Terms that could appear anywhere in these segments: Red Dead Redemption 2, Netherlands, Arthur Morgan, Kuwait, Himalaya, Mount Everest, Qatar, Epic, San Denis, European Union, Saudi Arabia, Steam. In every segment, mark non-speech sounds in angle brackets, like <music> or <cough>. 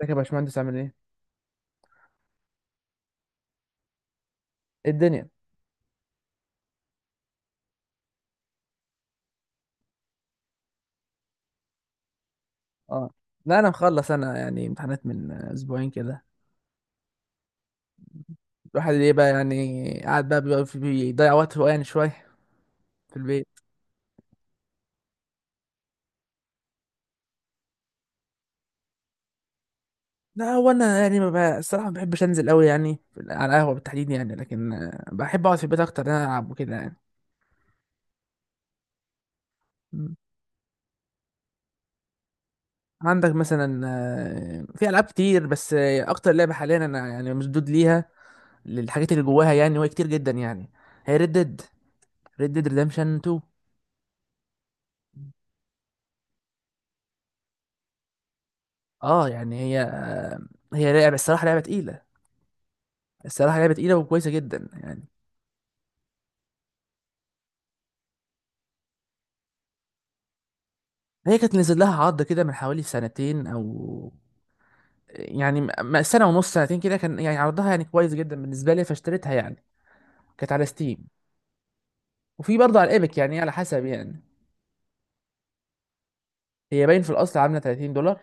ازيك يا باشمهندس عامل ايه؟ ايه الدنيا؟ اه، لا انا مخلص، انا يعني امتحانات من اسبوعين كده. الواحد ايه بقى يعني قاعد بقى بيبقى بيضيع وقته يعني شويه في البيت. لا هو انا يعني ما بقى الصراحه ما بحبش انزل قوي يعني على القهوه بالتحديد يعني، لكن بحب اقعد في البيت اكتر، انا العب وكده يعني. مم. عندك مثلا في العاب كتير، بس اكتر لعبه حاليا انا يعني مشدود ليها للحاجات اللي جواها يعني، وهي كتير جدا يعني. هي ريد ديد. ريد ديد ريدمشن 2. اه يعني هي لعبه الصراحه، لعبه تقيله. الصراحه لعبه تقيله وكويسه جدا يعني. هي كانت نزل لها عرض كده من حوالي سنتين او يعني، سنه ونص سنتين كده، كان يعني عرضها يعني كويس جدا بالنسبه لي، فاشتريتها يعني. كانت على ستيم، وفي برضه على ايبك يعني، على حسب يعني. هي باين في الاصل عامله $30،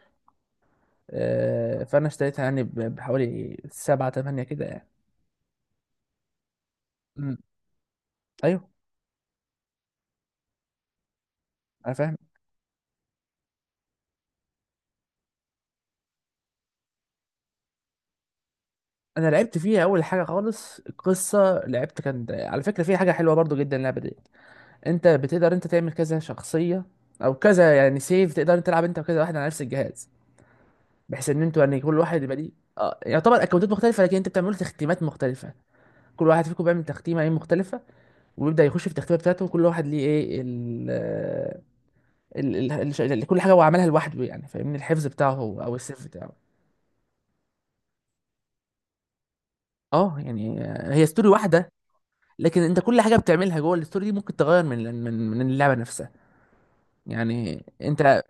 فانا اشتريتها يعني بحوالي 7 8 كده يعني. مم. ايوه. انا فاهم. انا لعبت فيها اول حاجه خالص القصه، لعبت كان على فكره فيها حاجه حلوه برضه جدا اللعبه دي. انت بتقدر انت تعمل كذا شخصيه، او كذا يعني سيف، تقدر انت تلعب انت وكذا واحد على نفس الجهاز، بحيث ان انتوا يعني كل واحد يبقى ليه. اه، يعتبر اكونتات مختلفه، لكن انت بتعملوا تختيمات مختلفه. كل واحد فيكم بيعمل تختيمه ايه مختلفه، ويبدا يخش في التختيمه بتاعته، وكل واحد ليه ايه كل حاجه هو عملها لوحده يعني، فاهمني؟ الحفظ بتاعه هو او السيف بتاعه. اه يعني هي ستوري واحده، لكن انت كل حاجه بتعملها جوه الستوري دي ممكن تغير من اللعبه نفسها. يعني انت.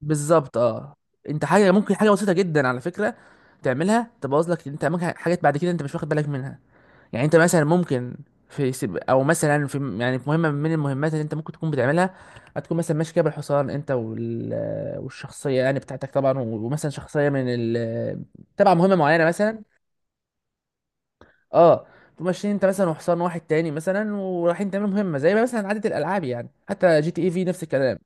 بالظبط اه. انت حاجه ممكن، حاجه بسيطه جدا على فكره تعملها تبوظ لك، انت ممكن حاجات بعد كده انت مش واخد بالك منها. يعني انت مثلا ممكن او مثلا في يعني في مهمه من المهمات اللي انت ممكن تكون بتعملها، هتكون مثلا ماشي كده بالحصان انت <hesitation> والشخصيه يعني بتاعتك طبعا، ومثلا شخصيه <hesitation> تبع مهمه معينه مثلا. اه، تقوم ماشيين انت مثلا وحصان واحد تاني مثلا، ورايحين تعملوا مهمه زي ما مثلا عاده الالعاب يعني، حتى GTA في نفس الكلام.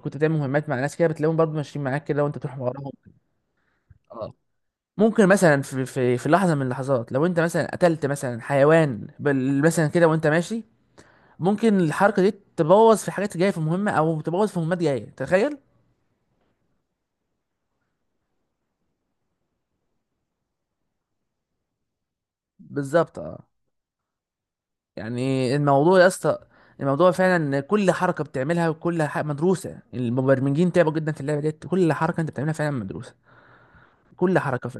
كنت بتعمل مهمات مع ناس كده، بتلاقيهم برضه ماشيين معاك كده وانت بتروح وراهم. اه، ممكن مثلا في لحظه من اللحظات، لو انت مثلا قتلت مثلا حيوان مثلا كده وانت ماشي، ممكن الحركه دي تبوظ في حاجات جايه في مهمه، او تبوظ في مهمات جايه، تخيل. بالظبط اه. يعني الموضوع يا اسطى، الموضوع فعلا إن كل حركه بتعملها، مدروسه. المبرمجين تعبوا جدا في اللعبه ديت، كل حركه انت بتعملها فعلا مدروسه. كل حركه.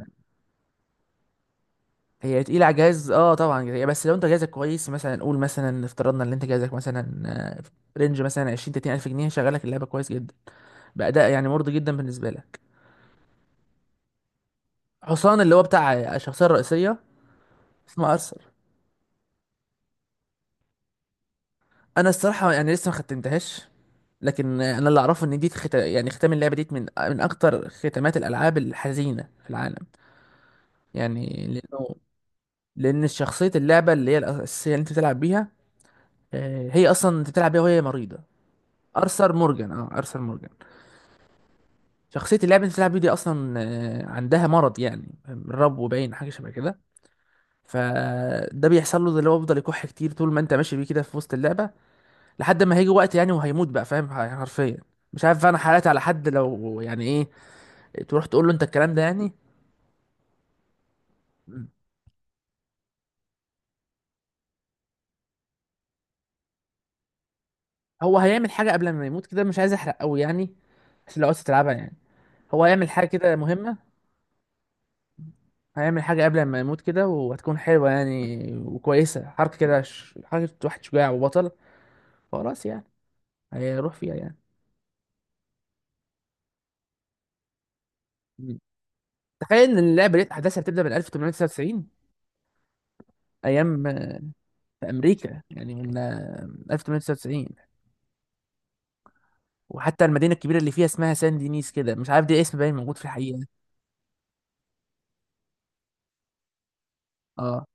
هي تقيلة على الجهاز اه طبعا، هي بس لو انت جهازك كويس، مثلا قول مثلا افترضنا ان انت جهازك مثلا في رينج مثلا 20 30 الف جنيه، شغالك اللعبة كويس جدا، بأداء يعني مرضي جدا بالنسبة لك. حصان اللي هو بتاع الشخصية الرئيسية اسمه ارثر. انا الصراحة يعني لسه ما ختمتهاش، لكن انا اللي اعرفه ان دي يعني ختام اللعبة دي من اكتر ختامات الالعاب الحزينة في العالم. يعني لانه، لان شخصية اللعبة اللي هي الاساسية اللي انت بتلعب بيها، هي اصلا انت بتلعب بيها وهي مريضة. ارثر مورجان. اه ارثر مورجان. شخصية اللاعب اللي انت بتلعب بيه دي اصلا عندها مرض يعني، رب باين حاجة شبه كده، فده بيحصل له اللي هو بيفضل يكح كتير طول ما انت ماشي بيه كده في وسط اللعبة، لحد ما هيجي وقت يعني وهيموت بقى، فاهم يعني حرفيا. مش عارف انا حالات على حد، لو يعني ايه، تروح تقول له انت الكلام ده يعني. هو هيعمل حاجة قبل ما يموت كده، مش عايز احرق قوي يعني، بس لو عايز تلعبها يعني. هو هيعمل حاجة كده مهمة. هيعمل حاجة قبل ما يموت كده، وهتكون حلوة يعني وكويسة، حركة كده حركة واحد شجاع وبطل، خلاص يعني، هيروح فيها يعني. مم. تخيل ان اللعبه دي احداثها بتبدا من 1899. ايام في امريكا يعني، من 1899 وحتى المدينه الكبيره اللي فيها اسمها سان دينيس كده، مش عارف دي اسم باين موجود في الحقيقه. اه.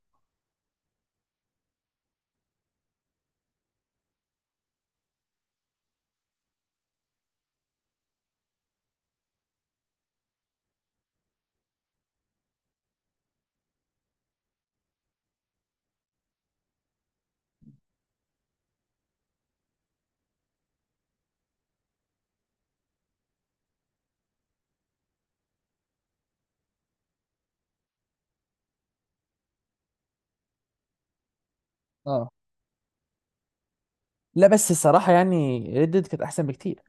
اه. لا بس الصراحه يعني ريد ديد كانت احسن بكتير.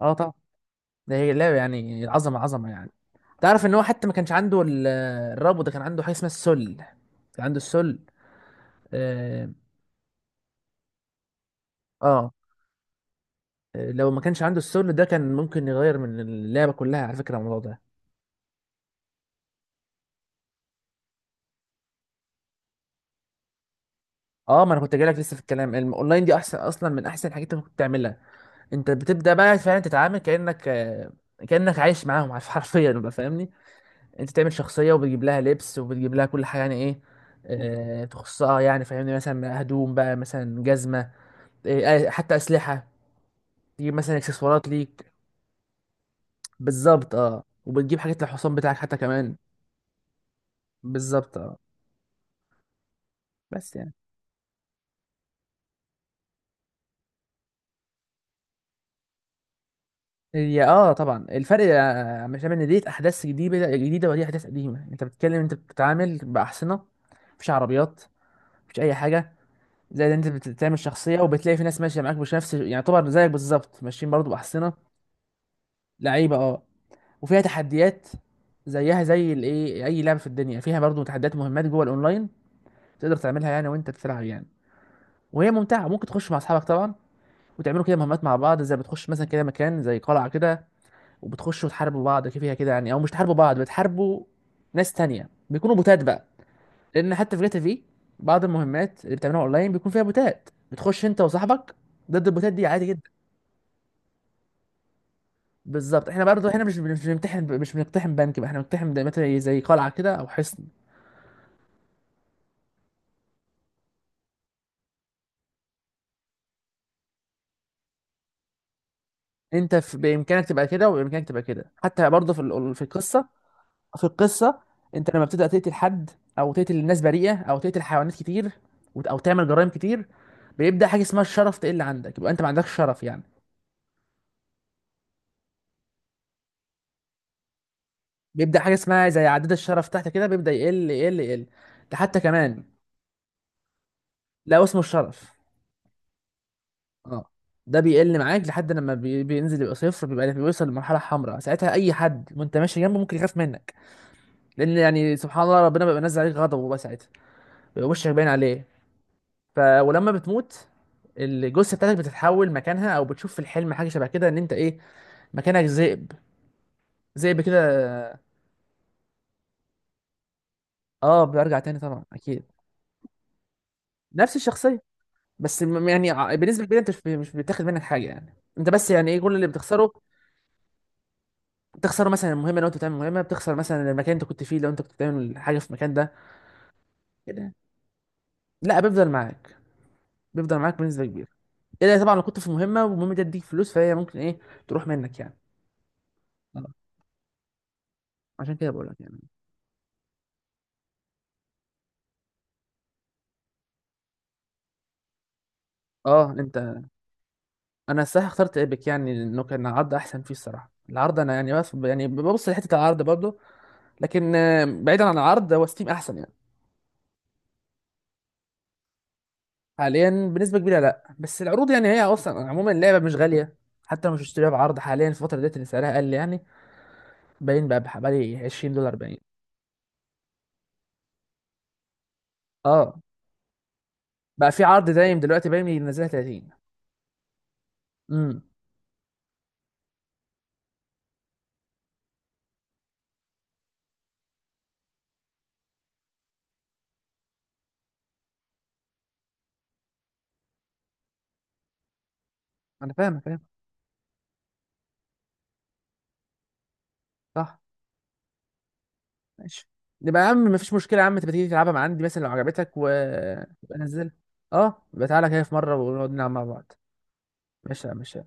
اه طبعا، ده هي لعبه يعني عظمه عظمه يعني. تعرف ان هو حتى ما كانش عنده الربو، ده كان عنده حاجه اسمها السل. كان عنده السل. اه. آه. لو ما كانش عنده السل ده، كان ممكن يغير من اللعبه كلها على فكره الموضوع ده. اه، ما انا كنت جايلك لسه في الكلام الاونلاين، دي احسن اصلا من احسن الحاجات اللي ممكن تعملها. انت بتبدا بقى فعلا تتعامل كانك كانك عايش معاهم <laughs> عارف حرفيا بقى فاهمني. انت تعمل شخصيه وبتجيب لها لبس وبتجيب لها كل حاجه يعني ايه، تخصها يعني فاهمني، مثلا هدوم بقى، مثلا جزمه، حتى اسلحه، تجيب مثلا اكسسوارات ليك. بالظبط اه، وبتجيب حاجات للحصان بتاعك حتى كمان. بالظبط اه. بس يعني، هي اه طبعا الفرق مش ان ديت احداث جديده جديده ودي احداث قديمه. انت بتتكلم، انت بتتعامل باحصنه، مفيش عربيات، مفيش اي حاجه. زي ده انت بتعمل شخصيه، وبتلاقي في ناس ماشيه معاك مش نفس يعني، يعتبر زيك بالظبط، ماشيين برضو باحصنه. لعيبه اه. وفيها تحديات، زيها زي الايه، اي لعبه في الدنيا فيها برضو تحديات، مهمات جوه الاونلاين تقدر تعملها يعني وانت بتلعب يعني. وهي ممتعه، ممكن تخش مع اصحابك طبعا وتعملوا كده مهمات مع بعض، زي بتخش مثلا كده مكان زي قلعه كده، وبتخشوا تحاربوا بعض فيها كده يعني، او مش تحاربوا بعض، بتحاربوا ناس تانية بيكونوا بوتات بقى. لان حتى في جاتا، في بعض المهمات اللي بتعملوها اونلاين بيكون فيها بوتات، بتخش انت وصاحبك ضد البوتات دي عادي جدا. بالظبط، احنا برضه احنا مش بنمتحن، مش بنقتحم بنك بقى، احنا بنقتحم ده مثلا زي قلعه كده او حصن. انت في بامكانك تبقى كده، وبامكانك تبقى كده، حتى برضه في القصه. في القصه انت لما بتبدا تقتل حد، او تقتل الناس بريئه، او تقتل حيوانات كتير، او تعمل جرائم كتير، بيبدا حاجه اسمها الشرف تقل عندك، يبقى انت ما عندكش شرف يعني. بيبدا حاجه اسمها زي عداد الشرف تحت كده، بيبدا يقل يقل يقل. ده حتى كمان. لا اسمه الشرف. اه. ده بيقل معاك لحد لما بينزل يبقى صفر، بيبقى يعني بيوصل لمرحله حمراء، ساعتها اي حد وانت ماشي جنبه ممكن يخاف منك، لان يعني سبحان الله ربنا بيبقى نزل عليك غضبه بقى ساعتها، بيبقى وشك باين عليه. ف ولما بتموت، الجثه بتاعتك بتتحول مكانها، او بتشوف في الحلم حاجه شبه كده ان انت ايه، مكانك ذئب. ذئب كده. اه، بيرجع تاني طبعا اكيد. نفس الشخصيه. بس يعني بالنسبه كبيره انت مش بتاخد منك حاجه يعني، انت بس يعني ايه كل اللي بتخسره، بتخسر مثلا المهمه لو انت بتعمل مهمه، بتخسر مثلا المكان انت كنت فيه لو انت كنت بتعمل حاجه في المكان ده كده. لا بيفضل معاك، بيفضل معاك بنسبه كبيره. الا طبعا لو كنت في مهمه والمهمه دي تديك فلوس، فهي ممكن ايه، تروح منك يعني. آه. عشان كده بقول لك يعني. اه انت، انا الصراحه اخترت ايبك يعني، لانه كان عرض احسن فيه الصراحه، العرض انا يعني بس يعني ببص لحته العرض برضه، لكن بعيدا عن العرض هو ستيم احسن يعني. حاليا بنسبه كبيره لا، بس العروض يعني هي اصلا عموما اللعبه مش غاليه، حتى لو مش اشتريها بعرض حاليا في الفتره ديت اللي سعرها قل يعني، باين بقى بحوالي $20 باين. اه بقى في عرض دايم دلوقتي باين ينزلها 30. امم. انا فاهم فاهم. صح. ماشي. يبقى يا عم مفيش مشكله يا عم، تبقى تيجي تلعبها مع عندي مثلا لو عجبتك و، يبقى نزلها. اه يبقى تعالى كده في مره ونقعد نلعب مع بعض. ماشي يا عم، ماشي.